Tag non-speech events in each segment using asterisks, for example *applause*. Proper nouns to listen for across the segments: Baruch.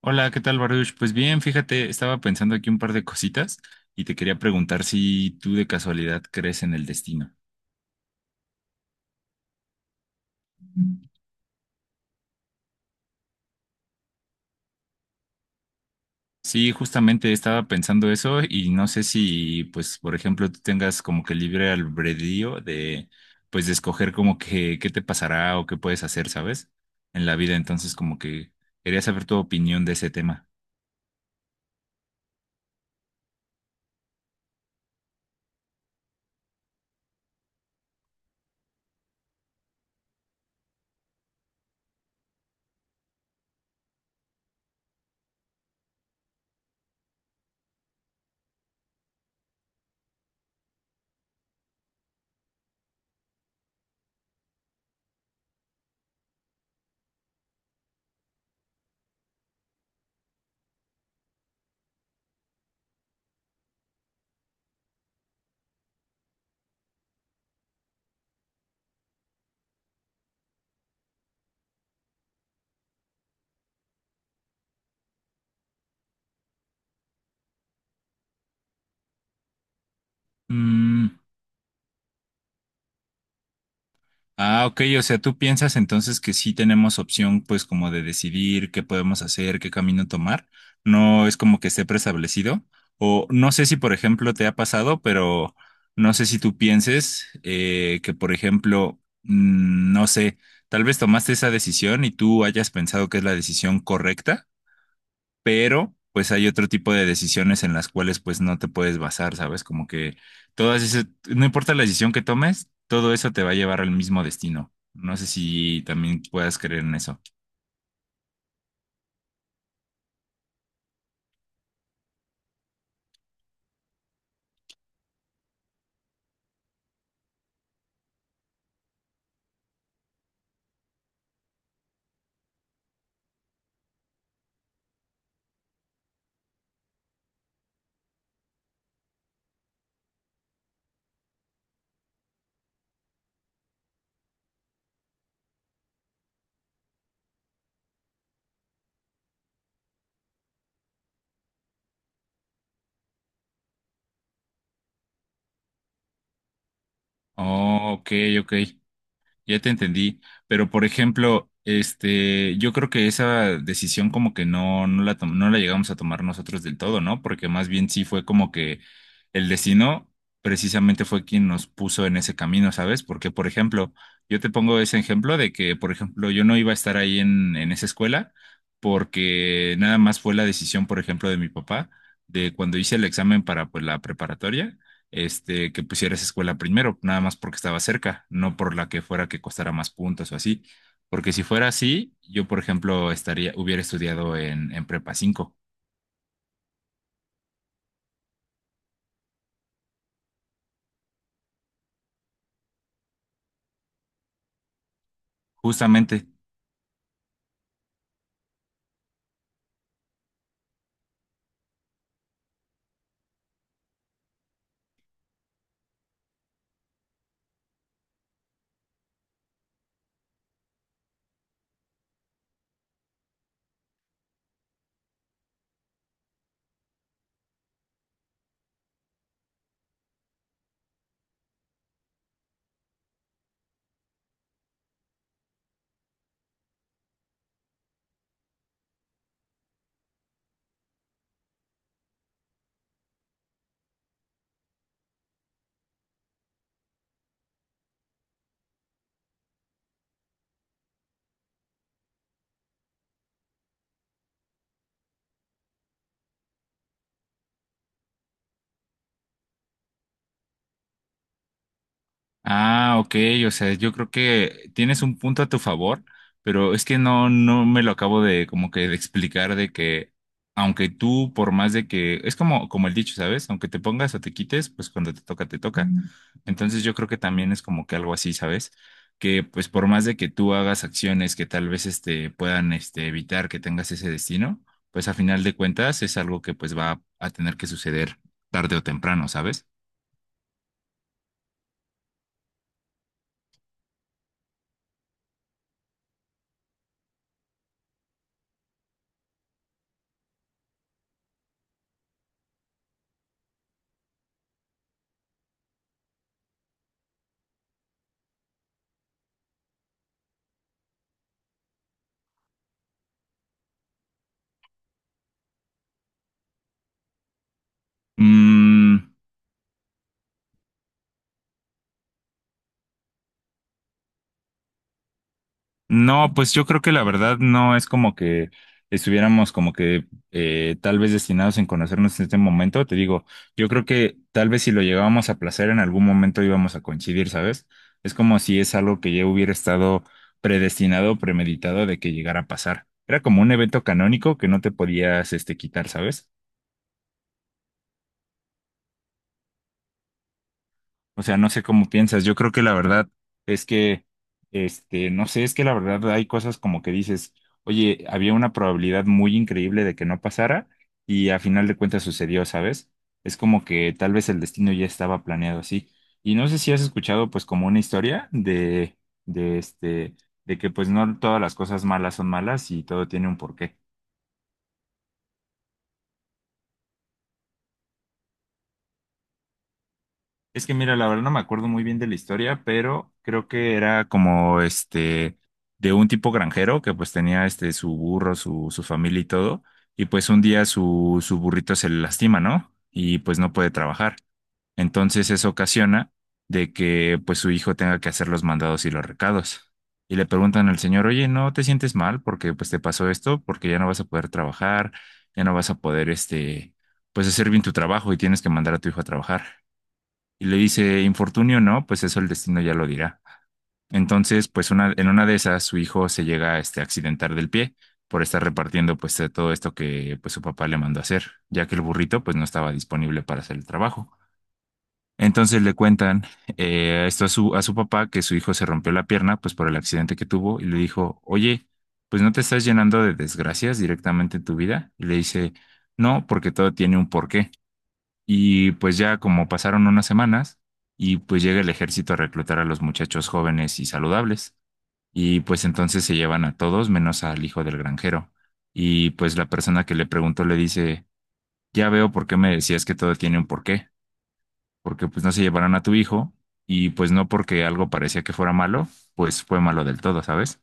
Hola, ¿qué tal, Baruch? Pues bien, fíjate, estaba pensando aquí un par de cositas y te quería preguntar si tú de casualidad crees en el destino. Sí, justamente estaba pensando eso y no sé si, pues, por ejemplo, tú tengas como que libre albedrío de escoger como que qué te pasará o qué puedes hacer, ¿sabes? En la vida, entonces como que quería saber tu opinión de ese tema. Mm. Ah, ok, o sea, tú piensas entonces que sí tenemos opción pues como de decidir qué podemos hacer, qué camino tomar. No es como que esté preestablecido. O no sé si, por ejemplo, te ha pasado, pero no sé si tú pienses que, por ejemplo, no sé, tal vez tomaste esa decisión y tú hayas pensado que es la decisión correcta, pero pues hay otro tipo de decisiones en las cuales pues no te puedes basar, ¿sabes? Como que todas esas, no importa la decisión que tomes, todo eso te va a llevar al mismo destino. No sé si también puedas creer en eso. Oh, ok, ok. Ya te entendí, pero por ejemplo, este, yo creo que esa decisión como que no, no la llegamos a tomar nosotros del todo, ¿no? Porque más bien sí fue como que el destino precisamente fue quien nos puso en ese camino, ¿sabes? Porque, por ejemplo, yo te pongo ese ejemplo de que, por ejemplo, yo no iba a estar ahí en, esa escuela porque nada más fue la decisión, por ejemplo, de mi papá, de cuando hice el examen para, pues, la preparatoria, que pusiera esa escuela primero, nada más porque estaba cerca, no por la que fuera que costara más puntos o así. Porque si fuera así, yo, por ejemplo, estaría, hubiera estudiado en, Prepa 5, justamente. Ah, ok, o sea, yo creo que tienes un punto a tu favor, pero es que no me lo acabo de como que de explicar de que, aunque tú, por más de que, es como, como el dicho, ¿sabes? Aunque te pongas o te quites, pues cuando te toca, te toca. Entonces yo creo que también es como que algo así, ¿sabes? Que pues por más de que tú hagas acciones que tal vez puedan evitar que tengas ese destino, pues a final de cuentas es algo que pues va a tener que suceder tarde o temprano, ¿sabes? Mm. No, pues yo creo que la verdad no es como que estuviéramos como que tal vez destinados en conocernos en este momento. Te digo, yo creo que tal vez si lo llegábamos a placer en algún momento íbamos a coincidir, ¿sabes? Es como si es algo que ya hubiera estado predestinado, premeditado de que llegara a pasar. Era como un evento canónico que no te podías quitar, ¿sabes? O sea, no sé cómo piensas. Yo creo que la verdad es que, no sé, es que la verdad hay cosas como que dices, oye, había una probabilidad muy increíble de que no pasara y a final de cuentas sucedió, ¿sabes? Es como que tal vez el destino ya estaba planeado así. Y no sé si has escuchado pues como una historia de de que pues no todas las cosas malas son malas y todo tiene un porqué. Es que mira, la verdad no me acuerdo muy bien de la historia, pero creo que era como este de un tipo granjero que pues tenía este su burro, su familia y todo, y pues un día su, burrito se le lastima, ¿no? Y pues no puede trabajar. Entonces eso ocasiona de que pues su hijo tenga que hacer los mandados y los recados. Y le preguntan al señor, oye, ¿no te sientes mal porque pues te pasó esto? Porque ya no vas a poder trabajar, ya no vas a poder pues hacer bien tu trabajo y tienes que mandar a tu hijo a trabajar. Y le dice, infortunio no, pues eso el destino ya lo dirá. Entonces, pues una, en una de esas, su hijo se llega a accidentar del pie por estar repartiendo pues de todo esto que pues su papá le mandó a hacer, ya que el burrito pues no estaba disponible para hacer el trabajo. Entonces le cuentan esto a su papá, que su hijo se rompió la pierna pues por el accidente que tuvo y le dijo, oye, pues no te estás llenando de desgracias directamente en tu vida. Y le dice, no, porque todo tiene un porqué. Y pues ya como pasaron unas semanas y pues llega el ejército a reclutar a los muchachos jóvenes y saludables y pues entonces se llevan a todos menos al hijo del granjero. Y pues la persona que le preguntó le dice, ya veo por qué me decías que todo tiene un porqué, porque pues no se llevaron a tu hijo y pues no porque algo parecía que fuera malo, pues fue malo del todo, ¿sabes?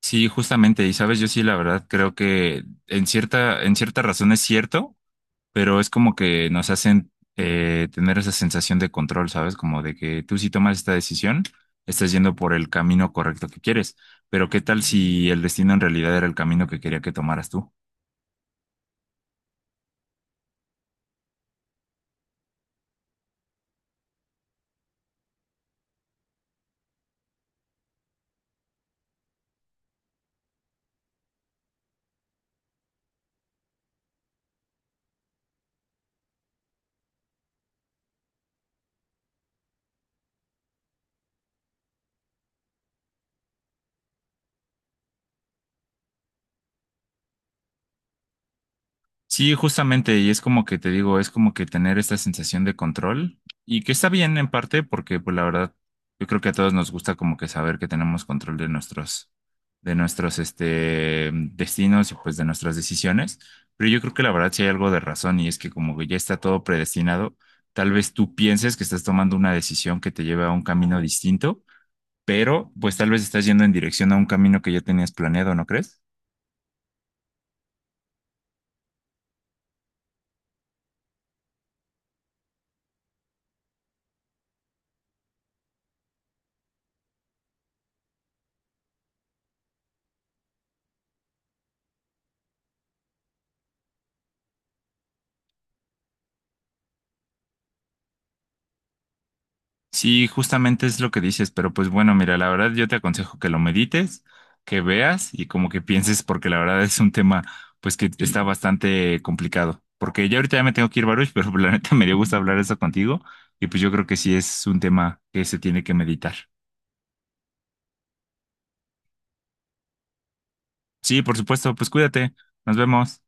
Sí, justamente, y sabes, yo sí la verdad creo que en cierta razón es cierto, pero es como que nos hacen tener esa sensación de control, ¿sabes? Como de que tú, si tomas esta decisión, estás yendo por el camino correcto que quieres, pero ¿qué tal si el destino en realidad era el camino que quería que tomaras tú? Sí, justamente, y es como que te digo, es como que tener esta sensación de control y que está bien en parte porque pues la verdad yo creo que a todos nos gusta como que saber que tenemos control de nuestros, de nuestros este destinos y pues de nuestras decisiones, pero yo creo que la verdad sí hay algo de razón y es que como que ya está todo predestinado, tal vez tú pienses que estás tomando una decisión que te lleve a un camino distinto, pero pues tal vez estás yendo en dirección a un camino que ya tenías planeado, ¿no crees? Sí, justamente es lo que dices, pero pues bueno, mira, la verdad yo te aconsejo que lo medites, que veas y como que pienses, porque la verdad es un tema pues que está bastante complicado. Porque ya ahorita ya me tengo que ir, Baruch, *laughs* pero la neta me dio gusto hablar eso contigo y pues yo creo que sí es un tema que se tiene que meditar. Sí, por supuesto, pues cuídate, nos vemos.